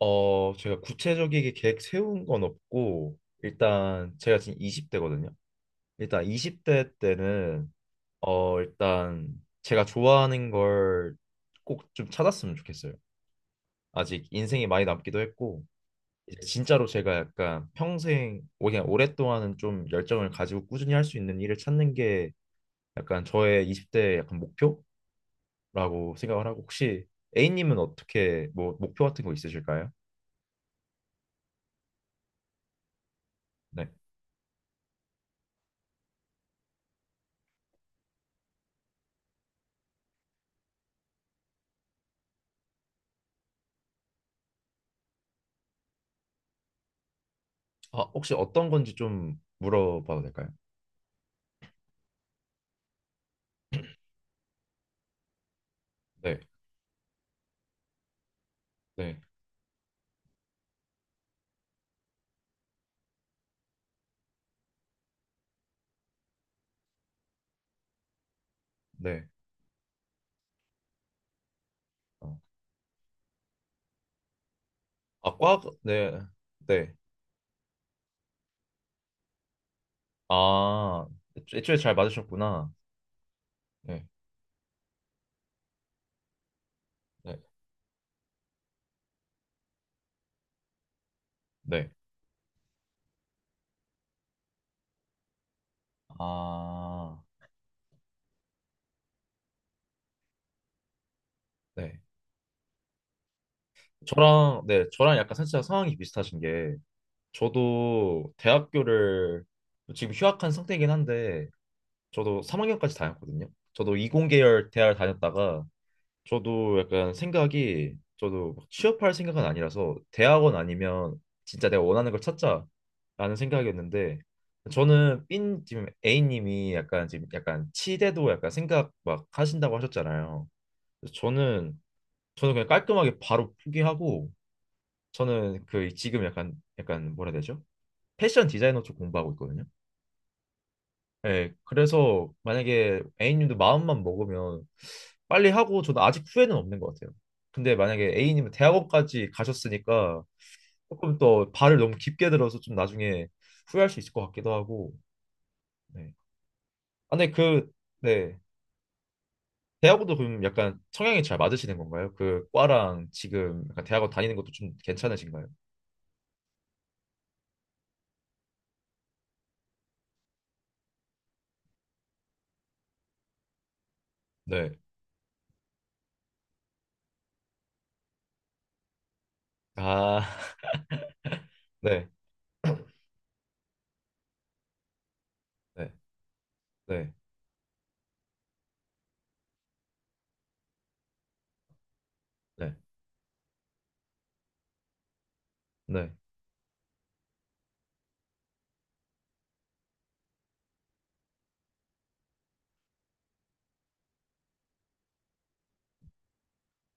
제가 구체적이게 계획 세운 건 없고, 일단 제가 지금 20대거든요. 일단 20대 때는, 어, 일단 제가 좋아하는 걸 꼭 좀 찾았으면 좋겠어요. 아직 인생이 많이 남기도 했고, 이제 진짜로 제가 약간 평생, 그냥 오랫동안은 좀 열정을 가지고 꾸준히 할 수 있는 일을 찾는 게 약간 저의 20대의 약간 목표라고 생각을 하고, 혹시 A님은 어떻게 뭐 목표 같은 거 있으실까요? 네. 아, 혹시 어떤 건지 좀 물어봐도 될까요? 네, 네, 네. 어. 아, 과, 네, 네. 아, 애초에 잘 맞으셨구나. 네, 네, 네. 아, 네. 저랑, 네, 저랑 약간 살짝 상황이 비슷하신 게, 저도 대학교를 지금 휴학한 상태이긴 한데, 저도 3학년까지 다녔거든요. 저도 이공계열 대학을 다녔다가, 저도 약간 생각이 저도 막 취업할 생각은 아니라서 대학원 아니면 진짜 내가 원하는 걸 찾자라는 생각이었는데 저는 삔 지금 A님이 약간 지금 약간 치대도 약간 생각 막 하신다고 하셨잖아요. 그래서 저는 그냥 깔끔하게 바로 포기하고 저는 그 지금 약간 뭐라 해야 되죠? 패션 디자이너 쪽 공부하고 있거든요. 예, 그래서 만약에 A님도 마음만 먹으면 빨리 하고 저는 아직 후회는 없는 것 같아요. 근데 만약에 A님은 대학원까지 가셨으니까 조금 더 발을 너무 깊게 들어서 좀 나중에 후회할 수 있을 것 같기도 하고. 네. 아, 근데 그, 네. 대학원도 그럼 약간 성향이 잘 맞으시는 건가요? 그 과랑 지금 약간 대학원 다니는 것도 좀 괜찮으신가요? 네. 아, 네. 네. 네. 네. 네.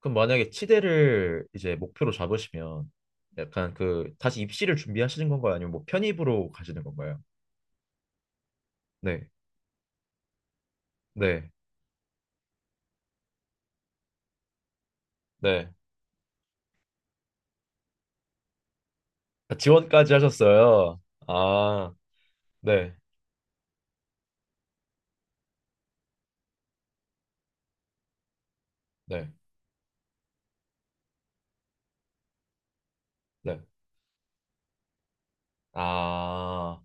그럼 만약에 치대를 이제 목표로 잡으시면 약간 그 다시 입시를 준비하시는 건가요? 아니면 뭐 편입으로 가시는 건가요? 네, 네, 네. 아, 지원까지 하셨어요. 아, 네, 네, 네. 아,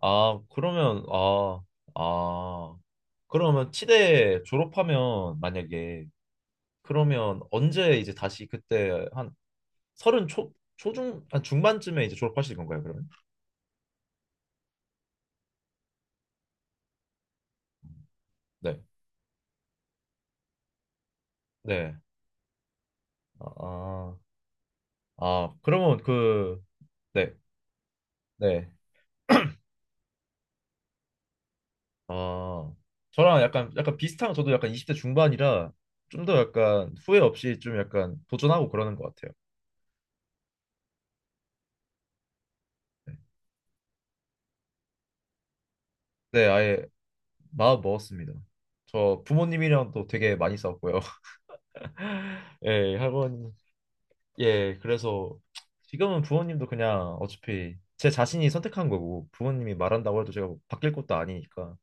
아, 그러면, 아, 아. 그러면 치대 졸업하면 만약에 그러면 언제 이제 다시 그때 한 서른 초, 초중, 한 중반쯤에 이제 졸업하실 건가요, 그러면? 네, 네. 아, 아. 아, 그러면 그, 네. 네. 아, 저랑 약간, 약간 비슷한, 저도 약간 20대 중반이라 좀 더 약간 후회 없이 좀 약간 도전하고 그러는 것 같아요. 네, 아예 마음 먹었습니다. 저 부모님이랑 또 되게 많이 싸웠고요. 예, 할머니. 예, 그래서 지금은 부모님도 그냥 어차피 제 자신이 선택한 거고 부모님이 말한다고 해도 제가 뭐 바뀔 것도 아니니까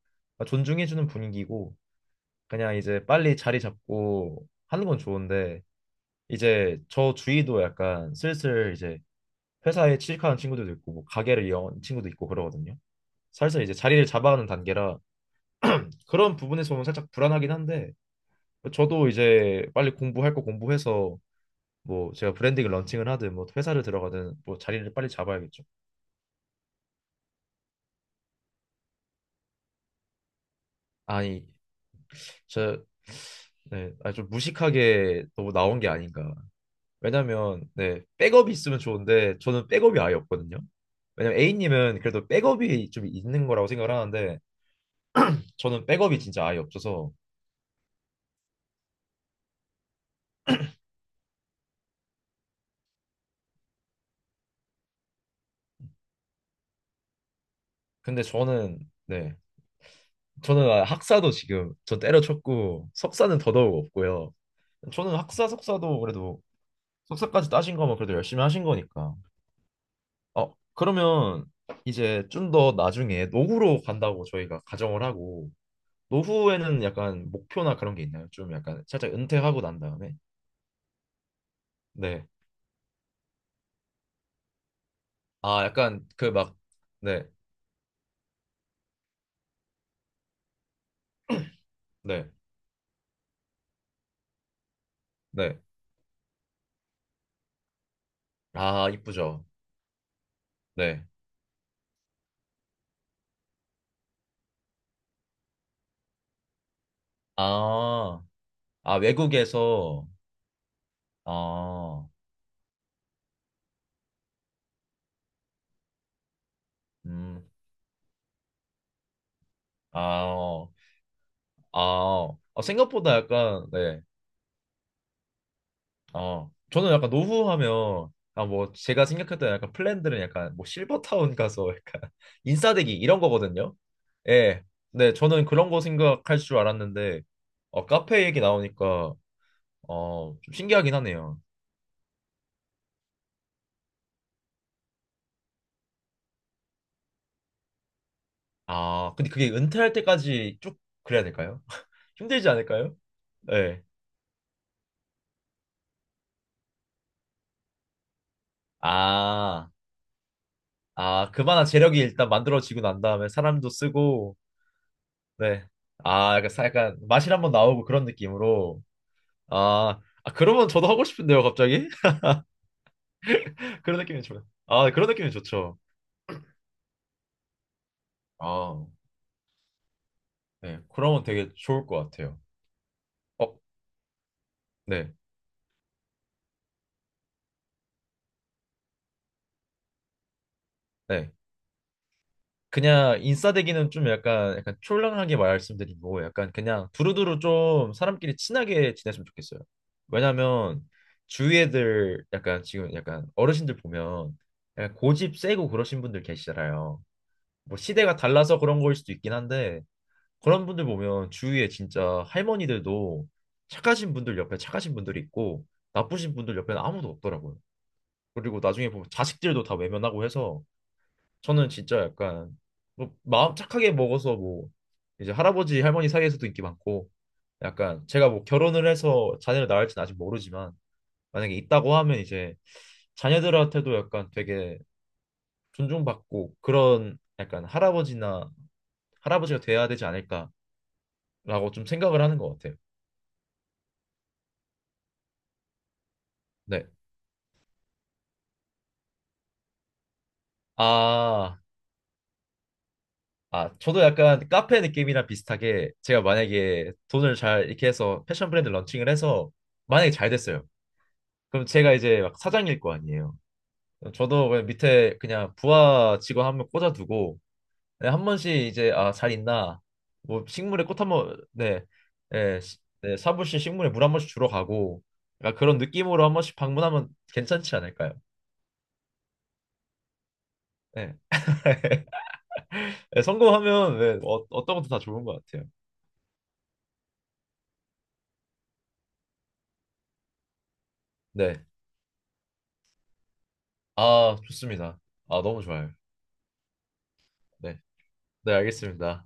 존중해주는 분위기고 그냥 이제 빨리 자리 잡고 하는 건 좋은데 이제 저 주위도 약간 슬슬 이제 회사에 취직하는 친구들도 있고 뭐 가게를 연 친구도 있고 그러거든요. 살살 이제 자리를 잡아가는 단계라 그런 부분에서 보면 살짝 불안하긴 한데 저도 이제 빨리 공부할 거 공부해서 뭐 제가 브랜딩을 런칭을 하든 뭐 회사를 들어가든 뭐 자리를 빨리 잡아야겠죠. 아니 저 네, 아니 좀 무식하게 너무 나온 게 아닌가. 왜냐면 네 백업이 있으면 좋은데 저는 백업이 아예 없거든요. 왜냐면 A님은 그래도 백업이 좀 있는 거라고 생각을 하는데 저는 백업이 진짜 아예 없어서 근데 저는 네 저는 아, 학사도 지금 저 때려쳤고 석사는 더더욱 없고요 저는 학사 석사도 그래도 석사까지 따신 거면 그래도 열심히 하신 거니까 어 그러면 이제 좀 더 나중에 노후로 간다고 저희가 가정을 하고 노후에는 약간 목표나 그런 게 있나요? 좀 약간 살짝 은퇴하고 난 다음에 네 아 약간 그 막 네 네 네 아 이쁘죠 네 아, 아, 외국에서 아, 음, 아, 어, 아, 어, 아, 생각보다 약간, 네, 어, 저는 약간 노후하면, 아, 뭐, 제가 생각했던 약간 플랜들은 약간, 뭐, 실버타운 가서 약간, 인싸대기, 이런 거거든요. 예, 네, 저는 그런 거 생각할 줄 알았는데, 카페 얘기 나오니까, 어, 좀 신기하긴 하네요. 아, 근데 그게 은퇴할 때까지 쭉 그래야 될까요? 힘들지 않을까요? 네. 아. 아, 그만한 재력이 일단 만들어지고 난 다음에 사람도 쓰고, 네. 아, 약간, 약간 맛이 한번 나오고 그런 느낌으로. 아, 아, 그러면 저도 하고 싶은데요, 갑자기? 그런 느낌이 좋아요. 아, 그런 느낌이 좋죠. 아, 네. 그러면 되게 좋을 것 같아요. 어, 네. 네. 그냥 인싸되기는 좀 약간 촐랑하게 말씀드리고 약간 그냥 두루두루 좀 사람끼리 친하게 지냈으면 좋겠어요. 왜냐면 주위 애들 약간 지금 약간 어르신들 보면 약간 고집 세고 그러신 분들 계시잖아요. 뭐 시대가 달라서 그런 거일 수도 있긴 한데 그런 분들 보면 주위에 진짜 할머니들도 착하신 분들 옆에 착하신 분들이 있고 나쁘신 분들 옆에는 아무도 없더라고요. 그리고 나중에 보면 자식들도 다 외면하고 해서 저는 진짜 약간 뭐 마음 착하게 먹어서 뭐 이제 할아버지 할머니 사이에서도 인기 많고 약간 제가 뭐 결혼을 해서 자녀를 낳을지는 아직 모르지만 만약에 있다고 하면 이제 자녀들한테도 약간 되게 존중받고 그런 약간 할아버지나 할아버지가 돼야 되지 않을까라고 좀 생각을 하는 것 같아요. 네. 아, 아, 저도 약간 카페 느낌이랑 비슷하게 제가 만약에 돈을 잘 이렇게 해서 패션 브랜드 런칭을 해서 만약에 잘 됐어요. 그럼 제가 이제 막 사장일 거 아니에요. 저도 그냥 밑에 그냥 부하 직원 한 명 꽂아두고 네, 한 번씩 이제 아, 잘 있나 뭐 식물에 꽃 한번 네, 네, 네, 사무실 식물에 물 한 번씩 주러 가고 약간 그런 느낌으로 한 번씩 방문하면 괜찮지 않을까요? 네. 네, 성공하면 네, 어, 어떤 것도 다 좋은 것 같아요. 네. 아, 좋습니다. 아, 너무 좋아요. 네. 네, 알겠습니다.